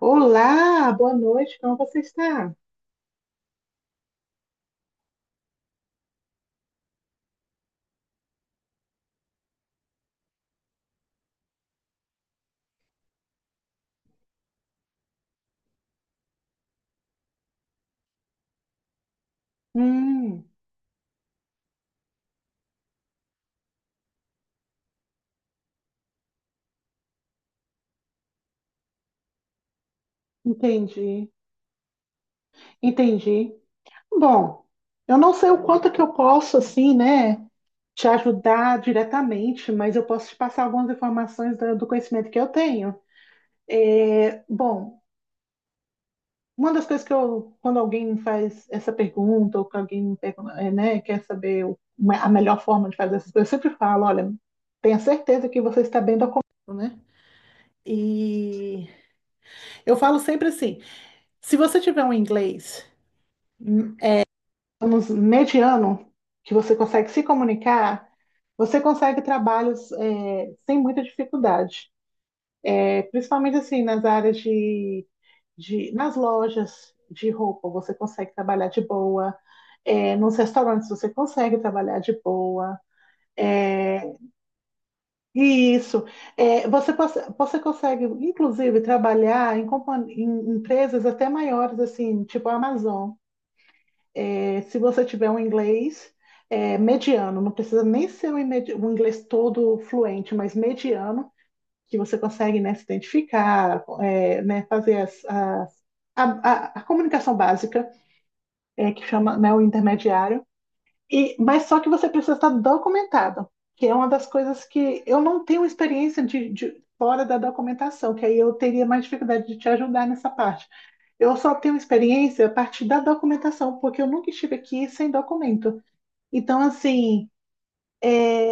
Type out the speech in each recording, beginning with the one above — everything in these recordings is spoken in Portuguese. Olá, boa noite, como você está? Hum, entendi, entendi. Bom, eu não sei o quanto que eu posso, assim, né, te ajudar diretamente, mas eu posso te passar algumas informações do conhecimento que eu tenho. Bom, uma das coisas que eu, quando alguém me faz essa pergunta, ou que alguém me pergunta, né, quer saber a melhor forma de fazer essas coisas, eu sempre falo, olha, tenha certeza que você está bem documentado, né? E eu falo sempre assim, se você tiver um inglês hum, digamos, mediano, que você consegue se comunicar, você consegue trabalhos sem muita dificuldade. É, principalmente assim, nas áreas de nas lojas de roupa, você consegue trabalhar de boa. É, nos restaurantes você consegue trabalhar de boa. É, e isso. É, você consegue, inclusive, trabalhar em empresas até maiores, assim, tipo a Amazon. É, se você tiver um inglês mediano, não precisa nem ser um inglês todo fluente, mas mediano, que você consegue, né, se identificar, né, fazer a, a comunicação básica, que chama, né, o intermediário, e, mas só que você precisa estar documentado, que é uma das coisas que eu não tenho experiência de fora da documentação, que aí eu teria mais dificuldade de te ajudar nessa parte. Eu só tenho experiência a partir da documentação, porque eu nunca estive aqui sem documento. Então, assim, é,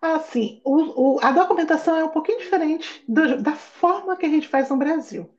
assim a documentação é um pouquinho diferente da forma que a gente faz no Brasil.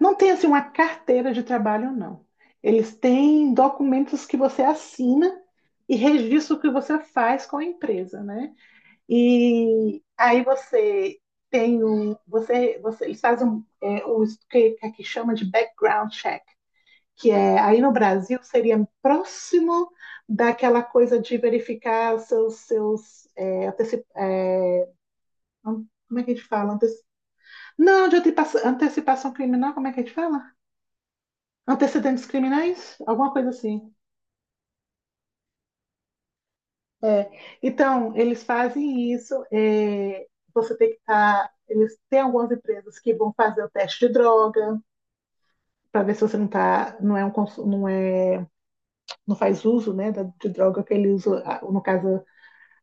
Não tem, assim, uma carteira de trabalho, não. Eles têm documentos que você assina e registra o que você faz com a empresa, né? E aí você eles fazem um, o que, que aqui chama de background check. Que é, aí no Brasil seria próximo daquela coisa de verificar seus como é que a gente fala? Não, de antecipação criminal, como é que a gente fala? Antecedentes criminais, alguma coisa assim. É. Então, eles fazem isso. É, você tem que estar. Eles têm algumas empresas que vão fazer o teste de droga para ver se você não tá, não é, não faz uso, né, de droga que ele usa, ah, no caso,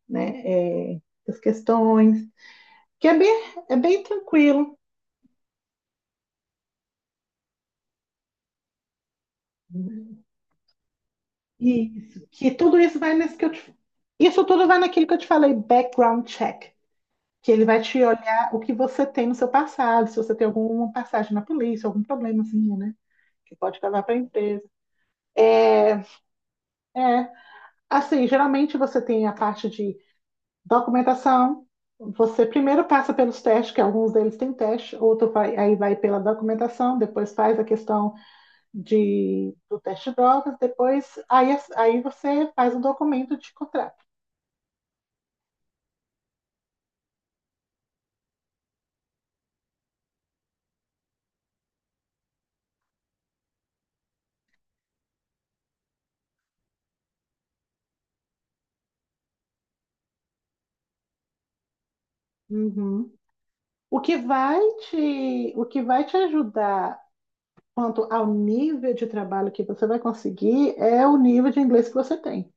né, é, as questões, que é bem, é bem tranquilo. Isso, que tudo isso vai nesse que eu te, isso tudo vai naquilo que eu te falei, background check, que ele vai te olhar o que você tem no seu passado, se você tem alguma passagem na polícia, algum problema assim, né? Que pode levar para a empresa. É, assim, geralmente você tem a parte de documentação, você primeiro passa pelos testes, que alguns deles têm teste, outro vai, aí vai pela documentação, depois faz a questão de, do teste de drogas, depois aí, aí você faz o documento de contrato. Uhum. O que vai o que vai te ajudar quanto ao nível de trabalho que você vai conseguir é o nível de inglês que você tem.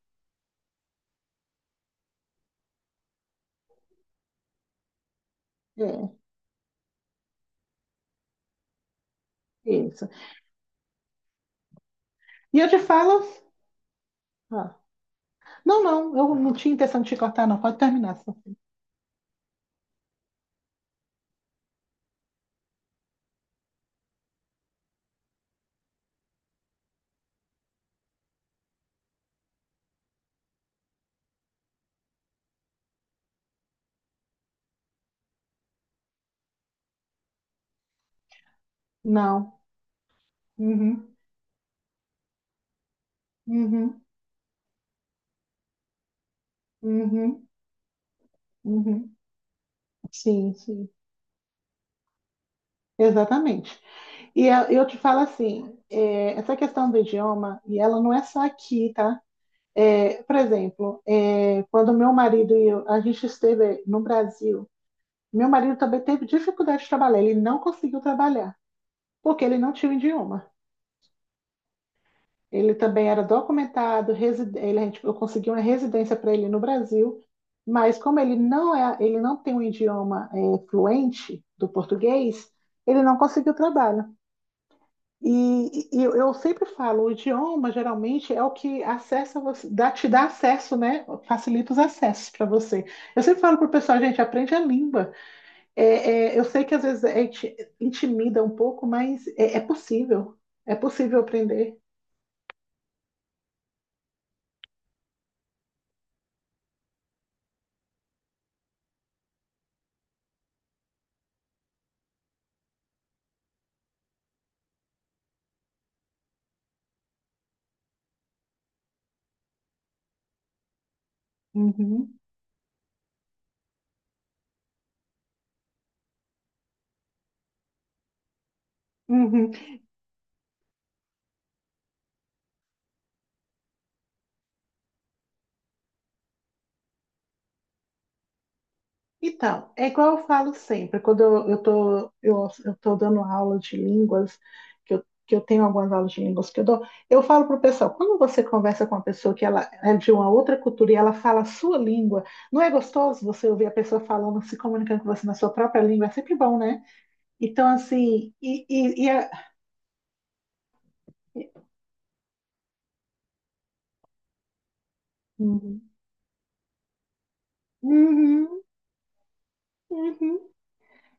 É, isso. E eu te falo. Ah, não, não, eu não tinha intenção de te cortar, não. Pode terminar. Só. Não. Uhum, uhum, uhum, uhum. Sim, sim. Exatamente. E eu te falo assim, é, essa questão do idioma, e ela não é só aqui, tá? É, por exemplo, é, quando meu marido e eu, a gente esteve no Brasil, meu marido também teve dificuldade de trabalhar, ele não conseguiu trabalhar, porque ele não tinha o idioma. Ele também era documentado, eu consegui uma residência para ele no Brasil, mas como ele não é, ele não tem um idioma fluente do português, ele não conseguiu trabalho. E eu sempre falo, o idioma geralmente é o que acessa você, dá, te dá acesso, né? Facilita os acessos para você. Eu sempre falo pro pessoal, gente, aprende a língua. É, é, eu sei que às vezes intimida um pouco, mas é, é possível. É possível aprender. Uhum, uhum. Então, é igual eu falo sempre, quando eu tô dando aula de línguas, que eu tenho algumas aulas de línguas que eu dou, eu falo para o pessoal, quando você conversa com uma pessoa que ela é de uma outra cultura e ela fala a sua língua, não é gostoso você ouvir a pessoa falando, se comunicando com você na sua própria língua? É sempre bom, né? Então, assim, Uhum, uhum, uhum.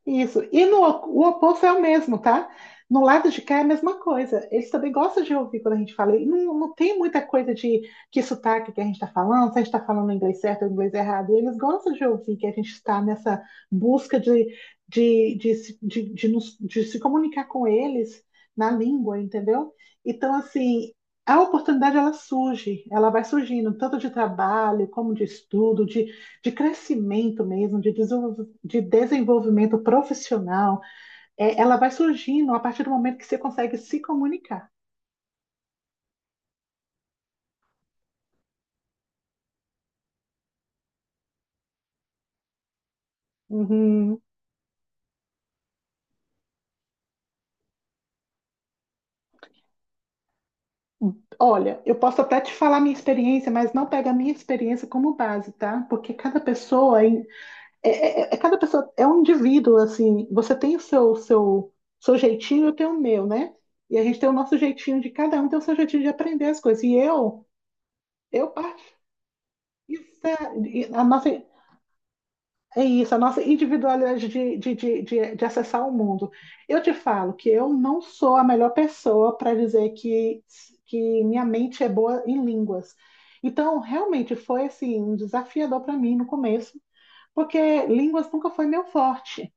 Isso. E no, o oposto é o mesmo, tá? No lado de cá é a mesma coisa. Eles também gostam de ouvir quando a gente fala. E não, não tem muita coisa de que sotaque que a gente está falando, se a gente está falando inglês certo ou inglês errado. E eles gostam de ouvir que a gente está nessa busca de, se- de nos- de se comunicar com eles na língua, entendeu? Então, assim, a oportunidade ela surge, ela vai surgindo, tanto de trabalho, como de estudo, de crescimento mesmo, de desenvolvimento profissional, é, ela vai surgindo a partir do momento que você consegue se comunicar. Uhum. Olha, eu posso até te falar minha experiência, mas não pega a minha experiência como base, tá? Porque cada pessoa cada pessoa é um indivíduo, assim, você tem o seu jeitinho, eu tenho o meu, né? E a gente tem o nosso jeitinho de cada um, tem o seu jeitinho de aprender as coisas. E eu parti. E a nossa, é isso, a nossa individualidade de acessar o mundo. Eu te falo que eu não sou a melhor pessoa para dizer que minha mente é boa em línguas. Então, realmente foi assim, um desafiador para mim no começo, porque línguas nunca foi meu forte.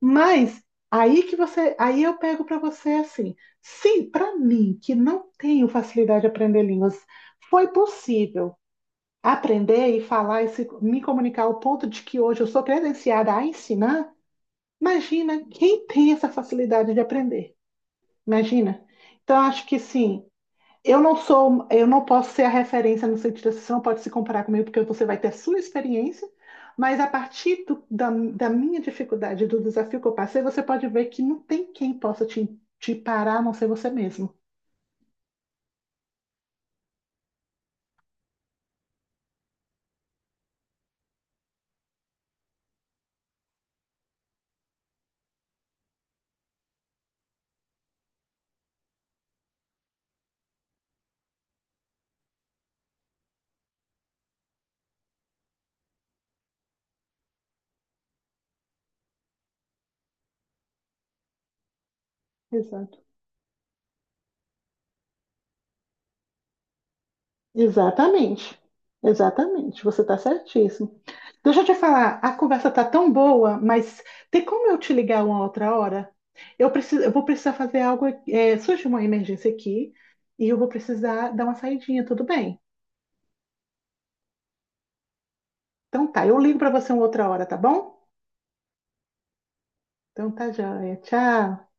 Mas aí que você, aí eu pego para você assim, sim, para mim que não tenho facilidade de aprender línguas, foi possível aprender e falar e me comunicar ao ponto de que hoje eu sou credenciada a ensinar, imagina quem tem essa facilidade de aprender. Imagina. Então, acho que sim, eu não sou, eu não posso ser a referência no sentido assim, você não pode se comparar comigo porque você vai ter sua experiência, mas a partir da, da minha dificuldade, do desafio que eu passei, você pode ver que não tem quem possa te, te parar, a não ser você mesmo. Exato. Exatamente. Exatamente. Você está certíssimo. Deixa eu te falar, a conversa está tão boa, mas tem como eu te ligar uma outra hora? Eu preciso, eu vou precisar fazer algo. É, surge uma emergência aqui e eu vou precisar dar uma saidinha, tudo bem? Então tá, eu ligo para você uma outra hora, tá bom? Então tá, joia. Tchau.